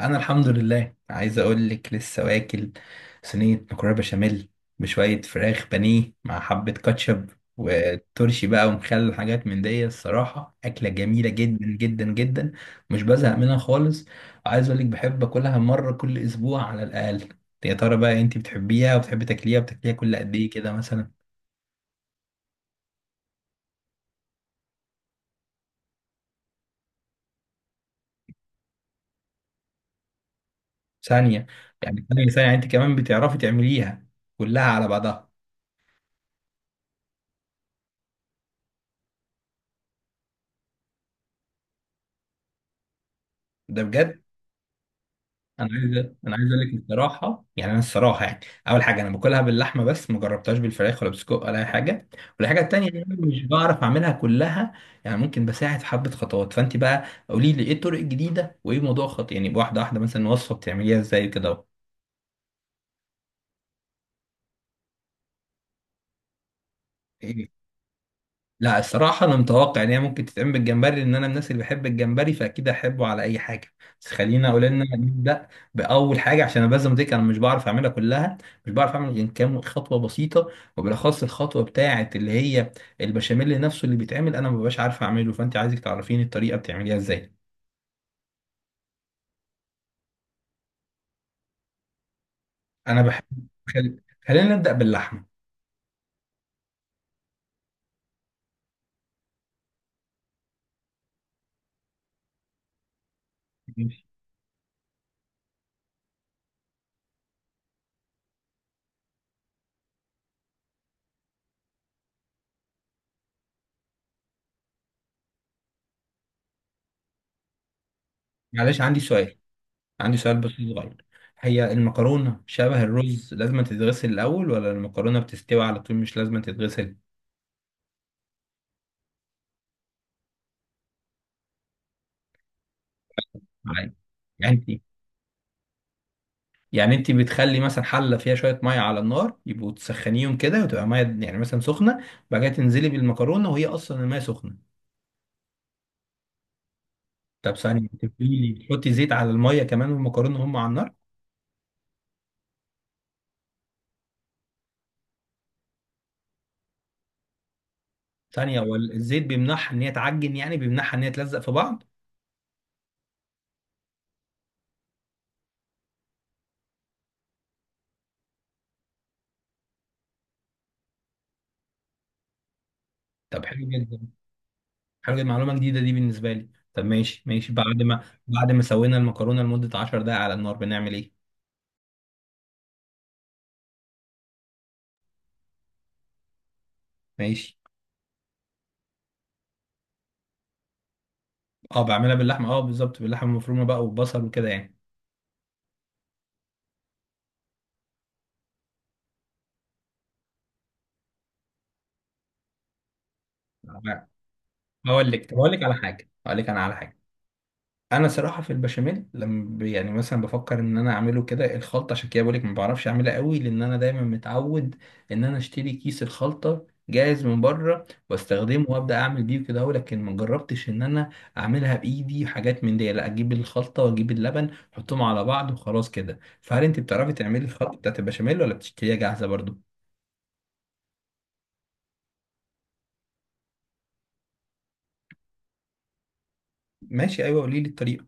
انا الحمد لله عايز اقول لك لسه واكل صينيه مكرونه بشاميل بشويه فراخ بانيه مع حبه كاتشب وترشي بقى ومخلل حاجات من دي. الصراحه اكله جميله جدا جدا جدا، مش بزهق منها خالص. وعايز اقول لك بحب اكلها مره كل اسبوع على الاقل. يا ترى بقى انت بتحبيها وبتحبي تاكليها وبتاكليها كل قد ايه كده مثلا؟ ثانيه، يعني ثانيه انت كمان بتعرفي تعمليها كلها على بعضها؟ ده بجد؟ انا عايز انا عايز اقول لك بصراحه، يعني انا الصراحه يعني اول حاجه انا باكلها باللحمه بس ما جربتهاش بالفراخ ولا بسجق ولا اي حاجه. والحاجه التانيه إن انا مش بعرف اعملها كلها. يعني ممكن بساعد في حبه خطوات، فانت بقى قولي لي ايه الطرق الجديده وايه موضوع خط، يعني واحده واحده مثلا وصفه بتعمليها ازاي كده. لا الصراحة أنا متوقع إن هي ممكن تتعمل بالجمبري، لأن أنا من الناس اللي بحب الجمبري فأكيد أحبه على أي حاجة. بس خلينا أقول إن أنا نبدأ بأول حاجة، عشان أنا بزم ديك أنا مش بعرف أعملها كلها، مش بعرف أعمل غير كام خطوة بسيطة. وبالأخص الخطوة بتاعة اللي هي البشاميل نفسه اللي بيتعمل، أنا مببقاش عارف أعمله، فأنت عايزك تعرفيني الطريقة بتعمليها إزاي. أنا بحب خل... خلينا نبدأ باللحمة. ماشي. معلش عندي سؤال، عندي سؤال بس صغير. هي المكرونة شبه الرز لازم تتغسل الأول، ولا المكرونة بتستوي على طول مش لازم تتغسل؟ عادي. يعني انت يعني انت بتخلي مثلا حلة فيها شوية مية على النار يبقوا تسخنيهم كده وتبقى مية، يعني مثلا سخنة، بعد كده تنزلي بالمكرونة وهي أصلا المية سخنة. طب ثانية، انت بتقولي لي بتحطي زيت على المية كمان والمكرونة هم على النار؟ ثانية، هو الزيت بيمنعها إن هي تعجن، يعني بيمنعها إن هي تلزق في بعض؟ طب حلو جدا. حاجه معلومه جديده دي بالنسبه لي. طب ماشي ماشي، بعد ما سوينا المكرونه لمده 10 دقائق على النار بنعمل ايه؟ ماشي. اه بعملها باللحمه، اه بالظبط باللحمه المفرومه بقى والبصل وكده يعني. هقول لك، طب اقول لك على حاجه، هقول لك انا على حاجه. انا صراحه في البشاميل لما يعني مثلا بفكر ان انا اعمله كده الخلطه، عشان كده بقولك ما بعرفش اعملها قوي، لان انا دايما متعود ان انا اشتري كيس الخلطه جاهز من بره واستخدمه وابدا اعمل بيه كده لكن ما جربتش ان انا اعملها بايدي حاجات من دي، لا اجيب الخلطه واجيب اللبن احطهم على بعض وخلاص كده. فهل انت بتعرفي تعملي الخلطه بتاعت البشاميل ولا بتشتريها جاهزه برضو؟ ماشي، ايوه قولي لي الطريقه.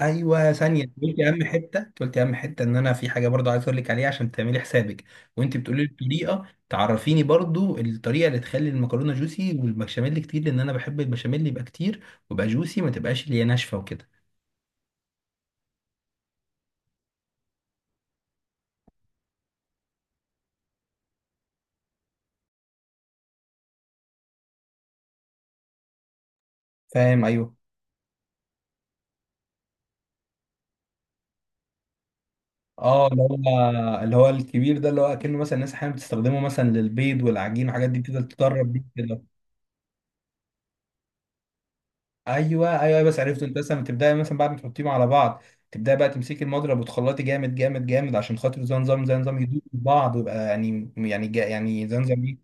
ايوه ثانيه، انت قلتي اهم حته، انت قلتي اهم حته، ان انا في حاجه برضو عايز اقول لك عليها عشان تعملي حسابك وانت بتقولي لي الطريقه، تعرفيني برضو الطريقه اللي تخلي المكرونه جوسي والبشاميل كتير، لان انا بحب البشاميل يبقى كتير ويبقى جوسي، ما تبقاش اللي هي ناشفه وكده. فاهم ايوه. اه اللي هو الكبير ده، اللي هو اكنه مثلا الناس احيانا بتستخدمه مثلا للبيض والعجين والحاجات دي بتفضل تدرب بيه كده. ايوه ايوه بس عرفته. انت مثلا تبداي مثلا بعد ما تحطيهم على بعض تبداي بقى تمسكي المضرب وتخلطي جامد جامد جامد، عشان خاطر زي نظام يدوب في بعض ويبقى، يعني يعني زي نظام ايه.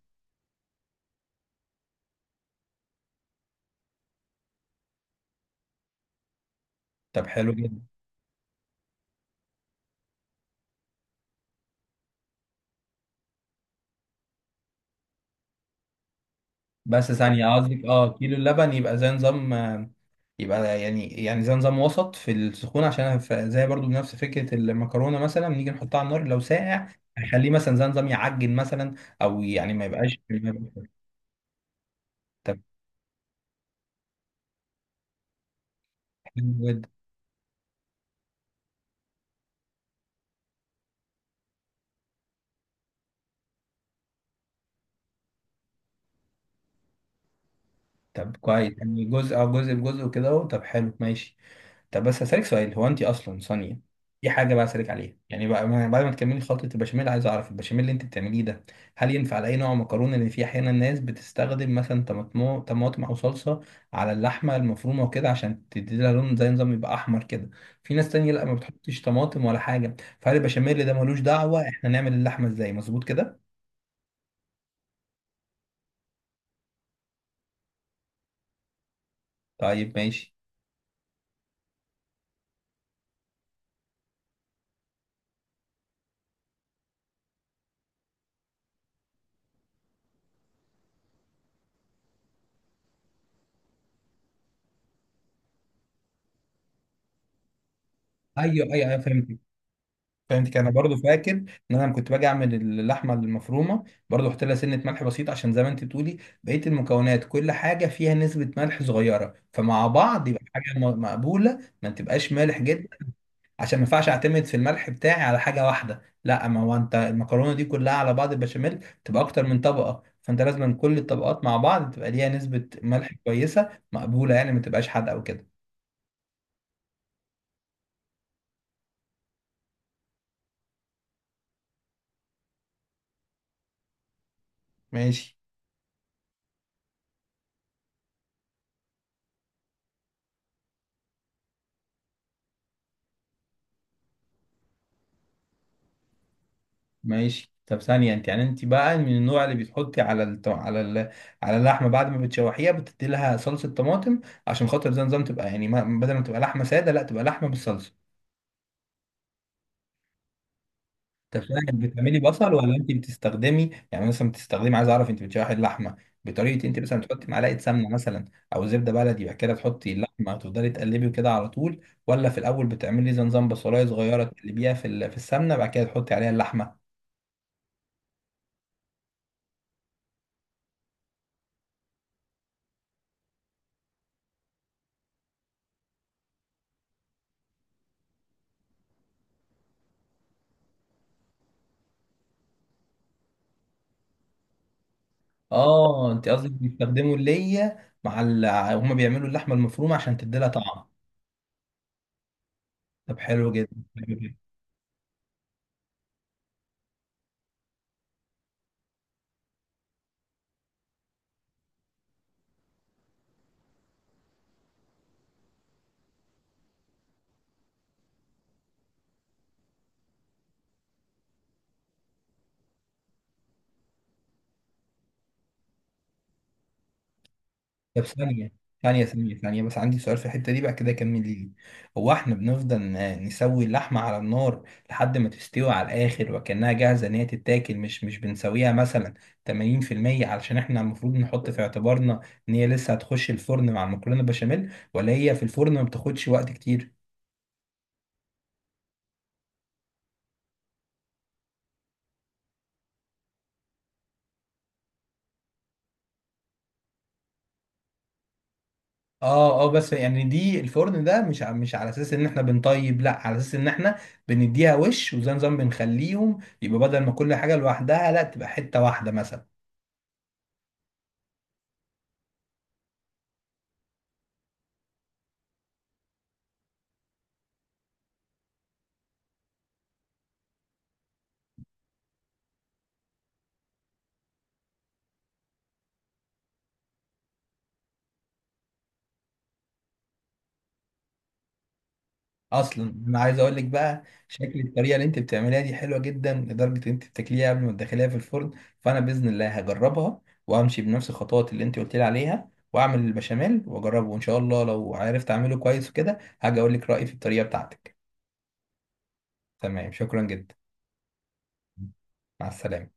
طب حلو جدا. بس ثانيه، قصدك اه كيلو اللبن يبقى زي نظام يبقى يعني زي نظام وسط في السخون، عشان زي برضو نفس فكره المكرونه مثلا نيجي نحطها على النار لو ساقع هنخليه مثلا زي نظام يعجن مثلا، او يعني ما يبقاش-. طب حلو جدا. طب كويس، يعني جزء او جزء بجزء وكده اهو. طب حلو ماشي. طب بس هسألك سؤال، هو انت اصلا ثانية، دي حاجة بقى اسألك عليها، يعني بقى بعد ما تكملي خلطة البشاميل عايز اعرف البشاميل اللي انت بتعمليه ده هل ينفع على اي نوع مكرونة؟ لان في احيانا ناس بتستخدم مثلا طماطم او صلصة على اللحمة المفرومة وكده عشان تدي لها لون زي نظام يبقى احمر كده. في ناس تانية لا ما بتحطش طماطم ولا حاجة، فهل البشاميل ده ملوش دعوة احنا نعمل اللحمة ازاي مظبوط كده؟ طيب ماشي. ايوه ايوه فهمت، فهمتك. انا برضو فاكر ان انا لما كنت باجي اعمل اللحمه المفرومه برضو احط لها سنه ملح بسيط، عشان زي ما انت بتقولي بقيه المكونات كل حاجه فيها نسبه ملح صغيره، فمع بعض يبقى حاجه مقبوله ما تبقاش مالح جدا. عشان ما ينفعش اعتمد في الملح بتاعي على حاجه واحده، لا ما هو انت المكرونه دي كلها على بعض البشاميل تبقى اكتر من طبقه، فانت لازم كل الطبقات مع بعض تبقى ليها نسبه ملح كويسه مقبوله، يعني ما تبقاش حادقه وكده. ماشي ماشي. طب ثانية، انت بقى من النوع اللي بتحطي على على على اللحمة بعد ما بتشوحيها بتدي لها صلصة طماطم، عشان خاطر زي نظام تبقى يعني ما... بدل ما تبقى لحمة سادة لا تبقى لحمة بالصلصة؟ طب ثانية، بتعملي بصل ولا انت بتستخدمي، يعني مثلا بتستخدمي، عايز اعرف انت بتشوحي اللحمة بطريقة انت مثلا بتحطي معلقة سمنة مثلا او زبدة بلدي، بعد كده تحطي اللحمة وتفضلي تقلبي كده على طول، ولا في الاول بتعملي زي نظام بصلاية صغيرة تقلبيها في في السمنة بعد كده تحطي عليها اللحمة؟ اه انت قصدك بيستخدموا اللية مع هما بيعملوا اللحمة المفرومة عشان تديلها طعم؟ طب حلو جدا. حلو جدا. طب ثانية ثانية بس عندي سؤال في الحتة دي بقى كده، كمل لي. هو احنا بنفضل نسوي اللحمة على النار لحد ما تستوي على الآخر وكأنها جاهزة إن هي تتاكل، مش بنسويها مثلا 80%، علشان احنا المفروض نحط في اعتبارنا إن هي لسه هتخش الفرن مع المكرونة بشاميل، ولا هي في الفرن ما بتاخدش وقت كتير؟ اه اه، بس يعني دي الفرن ده مش مش على اساس ان احنا بنطيب، لا على اساس ان احنا بنديها وش وزي نظام بنخليهم يبقى، بدل ما كل حاجه لوحدها لا تبقى حته واحده مثلا. اصلا انا عايز اقول لك بقى شكل الطريقه اللي انت بتعمليها دي حلوه جدا لدرجه ان انت بتاكليها قبل ما تدخليها في الفرن. فانا باذن الله هجربها وامشي بنفس الخطوات اللي انت قلت لي عليها واعمل البشاميل واجربه، وان شاء الله لو عرفت اعمله كويس وكده هاجي اقول لك رايي في الطريقه بتاعتك. تمام شكرا جدا. مع السلامه.